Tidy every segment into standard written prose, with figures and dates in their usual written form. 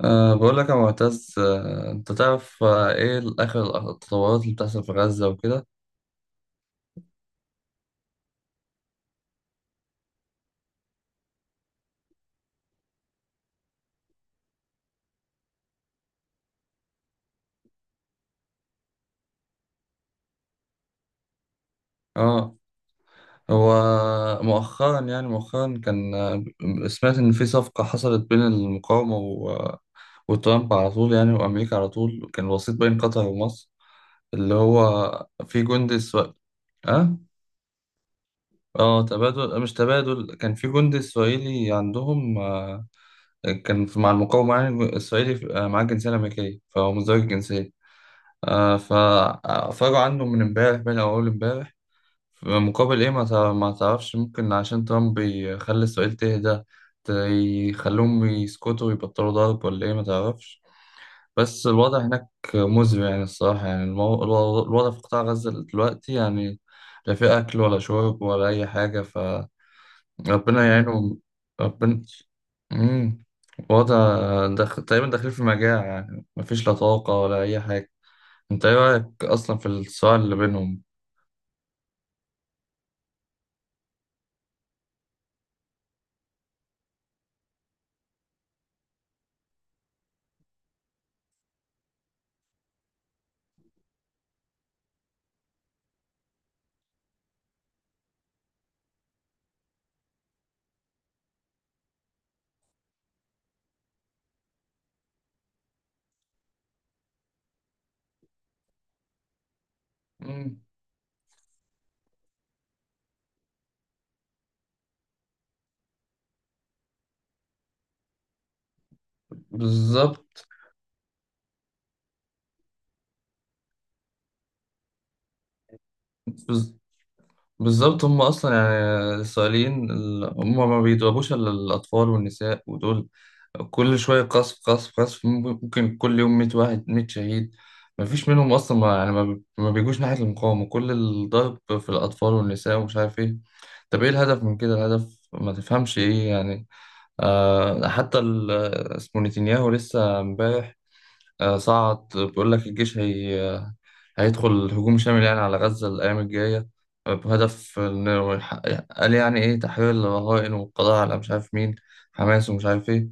بقول لك يا معتز، انت تعرف ايه اخر التطورات اللي بتحصل في غزة وكده. اه، هو مؤخرا، يعني مؤخرا كان سمعت ان في صفقة حصلت بين المقاومة وترامب، على طول يعني وامريكا، على طول كان وسيط بين قطر ومصر. اللي هو في جندي اسرائيلي. اه. اه تبادل، مش تبادل، كان في جندي اسرائيلي عندهم، كان مع المقاومة، يعني اسرائيلي معاه جنسية امريكية، فهو مزدوج الجنسية. فأفرجوا عنه من امبارح بين أول امبارح، في مقابل إيه ما ما تعرفش. ممكن عشان ترامب يخلي إسرائيل تهدى، يخلوهم يسكتوا ويبطلوا ضرب، ولا إيه ما تعرفش. بس الوضع هناك مزري، يعني الصراحة، يعني الوضع في قطاع غزة دلوقتي، يعني لا في أكل ولا شرب ولا أي حاجة. فربنا يعينهم. ربنا. مم. وضع تقريبا داخلين في مجاعة، يعني مفيش لا طاقة ولا أي حاجة. انت ايه رايك اصلا في الصراع اللي بينهم؟ مم. بالظبط. بز- بالظبط، هم اصلا يعني الاسرائيليين هم ما بيضربوش الا الاطفال والنساء ودول. كل شويه قصف قصف قصف، ممكن كل يوم 100 واحد، 100 شهيد. ما فيش منهم اصلا، ما يعني ما بيجوش ناحيه المقاومه، كل الضرب في الاطفال والنساء ومش عارف ايه. طب ايه الهدف من كده؟ الهدف ما تفهمش ايه يعني. آه، حتى اسمه نتنياهو لسه امبارح صعد بيقول لك الجيش هي، هيدخل هجوم شامل يعني على غزة الأيام الجاية، بهدف إنه قال يعني إيه تحويل الرهائن، والقضاء على مش عارف مين حماس ومش عارف إيه.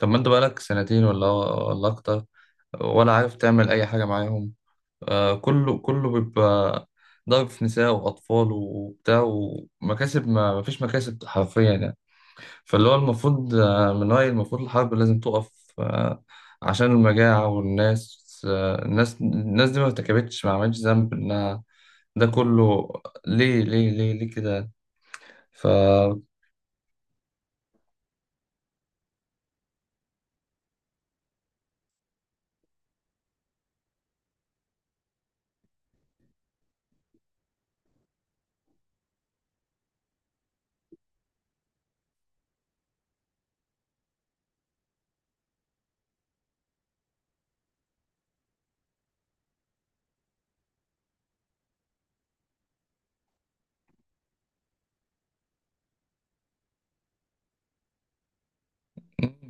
طب ما أنت بقالك سنتين ولا أكتر، ولا عارف تعمل أي حاجة معاهم. كله بيبقى ضرب في نساء وأطفال وبتاع، ومكاسب ما مفيش مكاسب حرفيا يعني. فاللي هو المفروض، من رأيي المفروض الحرب لازم تقف، عشان المجاعة والناس. الناس دي ما ارتكبتش، ما عملتش ذنب إنها ده كله. ليه ليه ليه ليه كده؟ ف،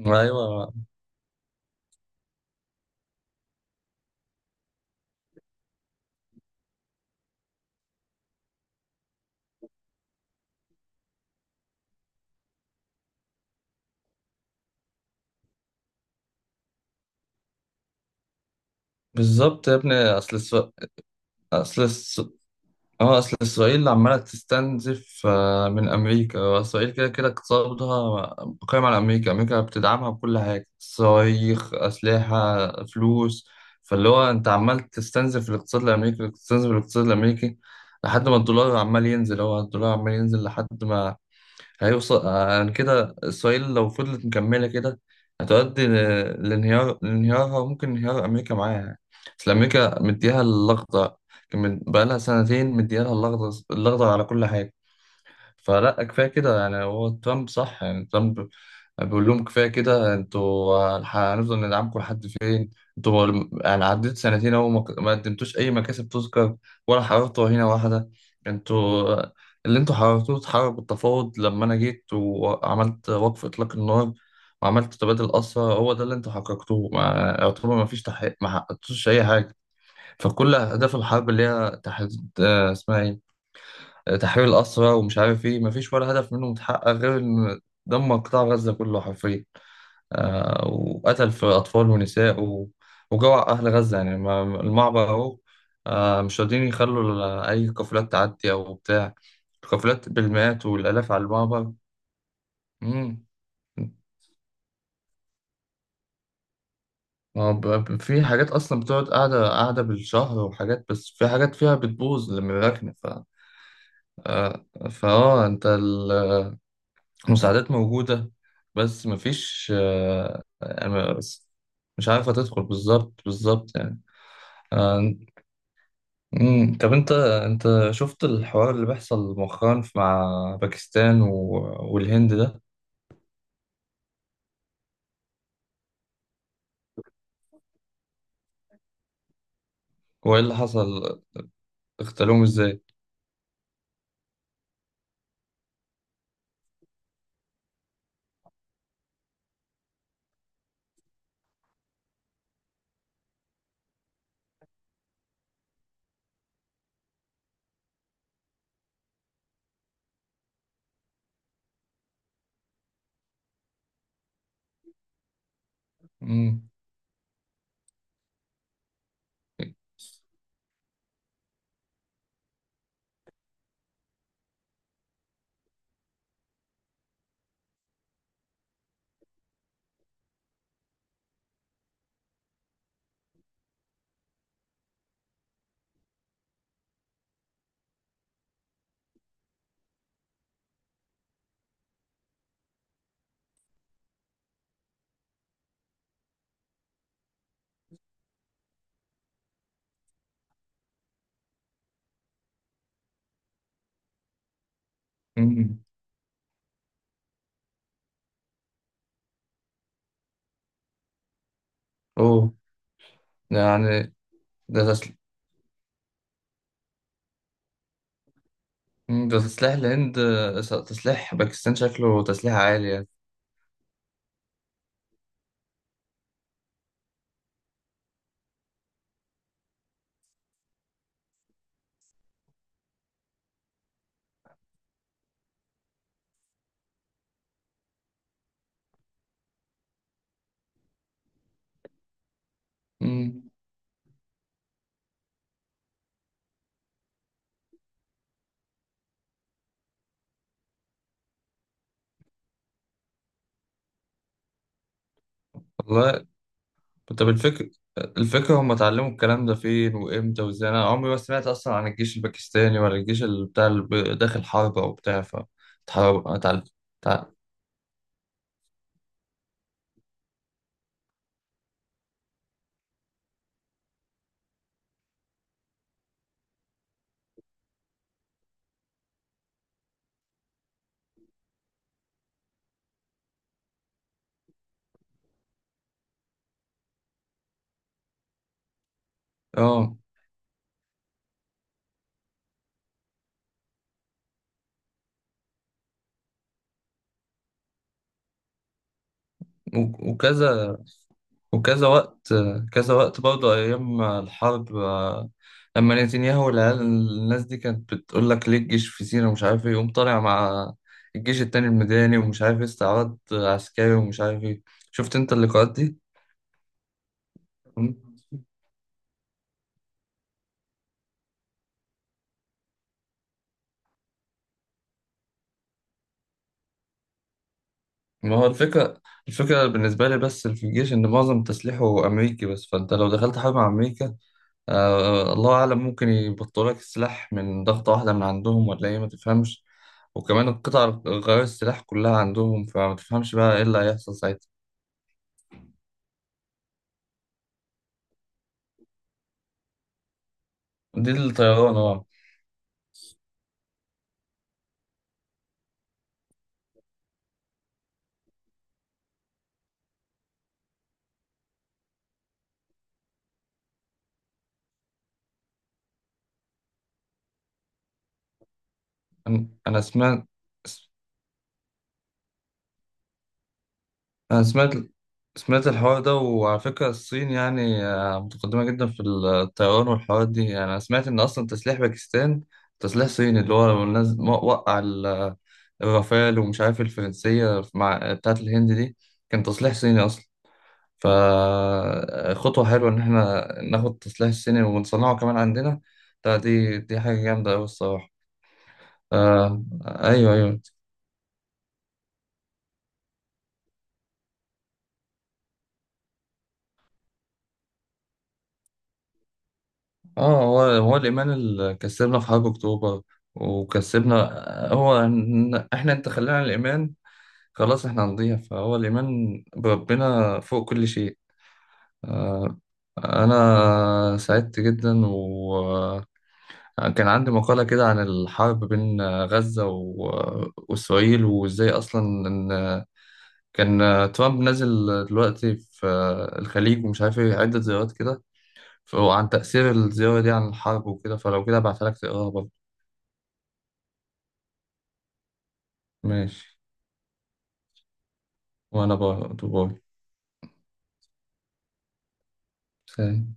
أيوه، بالظبط يا ابني. أصل الس- أصل اه، اصل اسرائيل عماله تستنزف، من امريكا. اسرائيل كده كده اقتصادها قائم على امريكا، امريكا بتدعمها بكل حاجه، صواريخ، اسلحه، فلوس. فاللي هو انت عمال تستنزف الاقتصاد الامريكي، تستنزف الاقتصاد الامريكي لحد ما الدولار عمال ينزل. الدولار عمال ينزل لحد ما هيوصل عن كده. إسرائيل لو فضلت مكملة كده هتؤدي لانهيار، لانهيارها، ممكن انهيار أمريكا معاها يعني. أصل أمريكا مديها اللقطة، بقالها سنتين مديها اللقطة، على كل حاجة. فلا، كفايه كده. يعني هو ترامب صح، يعني ترامب بيقول لهم كفايه كده، انتوا هنفضل ندعمكم لحد فين؟ انتوا يعني عديت سنتين اهو، ما قدمتوش اي مكاسب تذكر، ولا حررتوا هنا واحده. انتوا اللي انتوا حررتوه اتحرر بالتفاوض، لما انا جيت وعملت وقف اطلاق النار وعملت تبادل اسرى. هو ده اللي انتوا حققتوه. ما يعتبر ما فيش تحقيق، ما حققتوش اي حاجه. فكل اهداف الحرب اللي هي تحديد اسمها ايه، تحرير الأسرى ومش عارف إيه، مفيش ولا هدف منهم اتحقق، غير إن دمر قطاع غزة كله حرفيا، آه، وقتل في أطفال ونساء و... وجوع أهل غزة. يعني المعبر أهو، آه مش راضيين يخلوا أي قافلات تعدي أو بتاع، القافلات بالمئات والآلاف على المعبر. مم. ما هو، في حاجات أصلا بتقعد قاعدة، بالشهر، وحاجات بس في حاجات فيها بتبوظ لما الركنة. ف، آه، فأه أنت، مساعدات موجودة، بس مفيش يعني، بس مش عارفة تدخل، بالظبط، بالظبط يعني. آه، مم. طب انت، انت شفت الحوار اللي بيحصل مؤخرا مع باكستان والهند ده؟ وايه اللي حصل؟ اغتالوهم ازاي؟ مم. مم. اوه. ده يعني، ده تسليح، ده تسليح الهند تسليح باكستان، شكله تسليح عالي يعني. مم. والله. طب الفكر الفكرة هم اتعلموا الكلام ده فين وامتى وازاي؟ انا عمري ما سمعت اصلا عن الجيش الباكستاني ولا الجيش اللي بتاع، اللي داخل حرب او بتاع. ف، اتحرب، اتعلم، اتعلم. اه، وكذا، وكذا وقت، كذا وقت برضه ايام الحرب. لما نتنياهو والعيال، الناس دي كانت بتقول لك ليه الجيش في سيناء ومش عارف ايه، يقوم طالع مع الجيش التاني الميداني ومش عارف ايه، استعراض عسكري ومش عارف ايه. شفت انت اللقاءات دي؟ ما هو الفكرة، الفكرة بالنسبة لي بس في الجيش إن معظم تسليحه أمريكي. بس فأنت لو دخلت حرب مع أمريكا، آه، الله أعلم ممكن يبطلوا لك السلاح من ضغطة واحدة من عندهم، ولا إيه ما تفهمش. وكمان القطع غيار السلاح كلها عندهم، فما تفهمش بقى إيه اللي هيحصل ساعتها. دي الطيران، أه. أنا سمعت، أنا سمعت سمعت الحوار ده. وعلى فكرة الصين يعني متقدمة جدا في الطيران والحوارات دي، يعني أنا سمعت إن أصلا تسليح باكستان تسليح صيني، اللي هو لما وقع الرافال ومش عارف الفرنسية مع بتاعت الهند دي، كان تسليح صيني أصلا. فخطوة حلوة إن إحنا ناخد التسليح الصيني ونصنعه كمان عندنا. ده، دي حاجة جامدة أوي الصراحة. آه، أيوه، أيوه. اه، هو الإيمان اللي كسبنا في حرب أكتوبر، وكسبنا، هو احنا، انت خلينا الإيمان خلاص، احنا هنضيع. فهو الإيمان بربنا فوق كل شيء. آه. أنا سعدت جدا، وكان عندي مقالة كده عن الحرب بين غزة وإسرائيل، وإزاي أصلا إن كان ترامب نازل دلوقتي في الخليج ومش عارف ايه، عدة زيارات كده، وعن تأثير الزيارة دي عن الحرب وكده. فلو كده ابعتها لك تقراها برضه. ماشي. وأنا برضه، باي. سلام.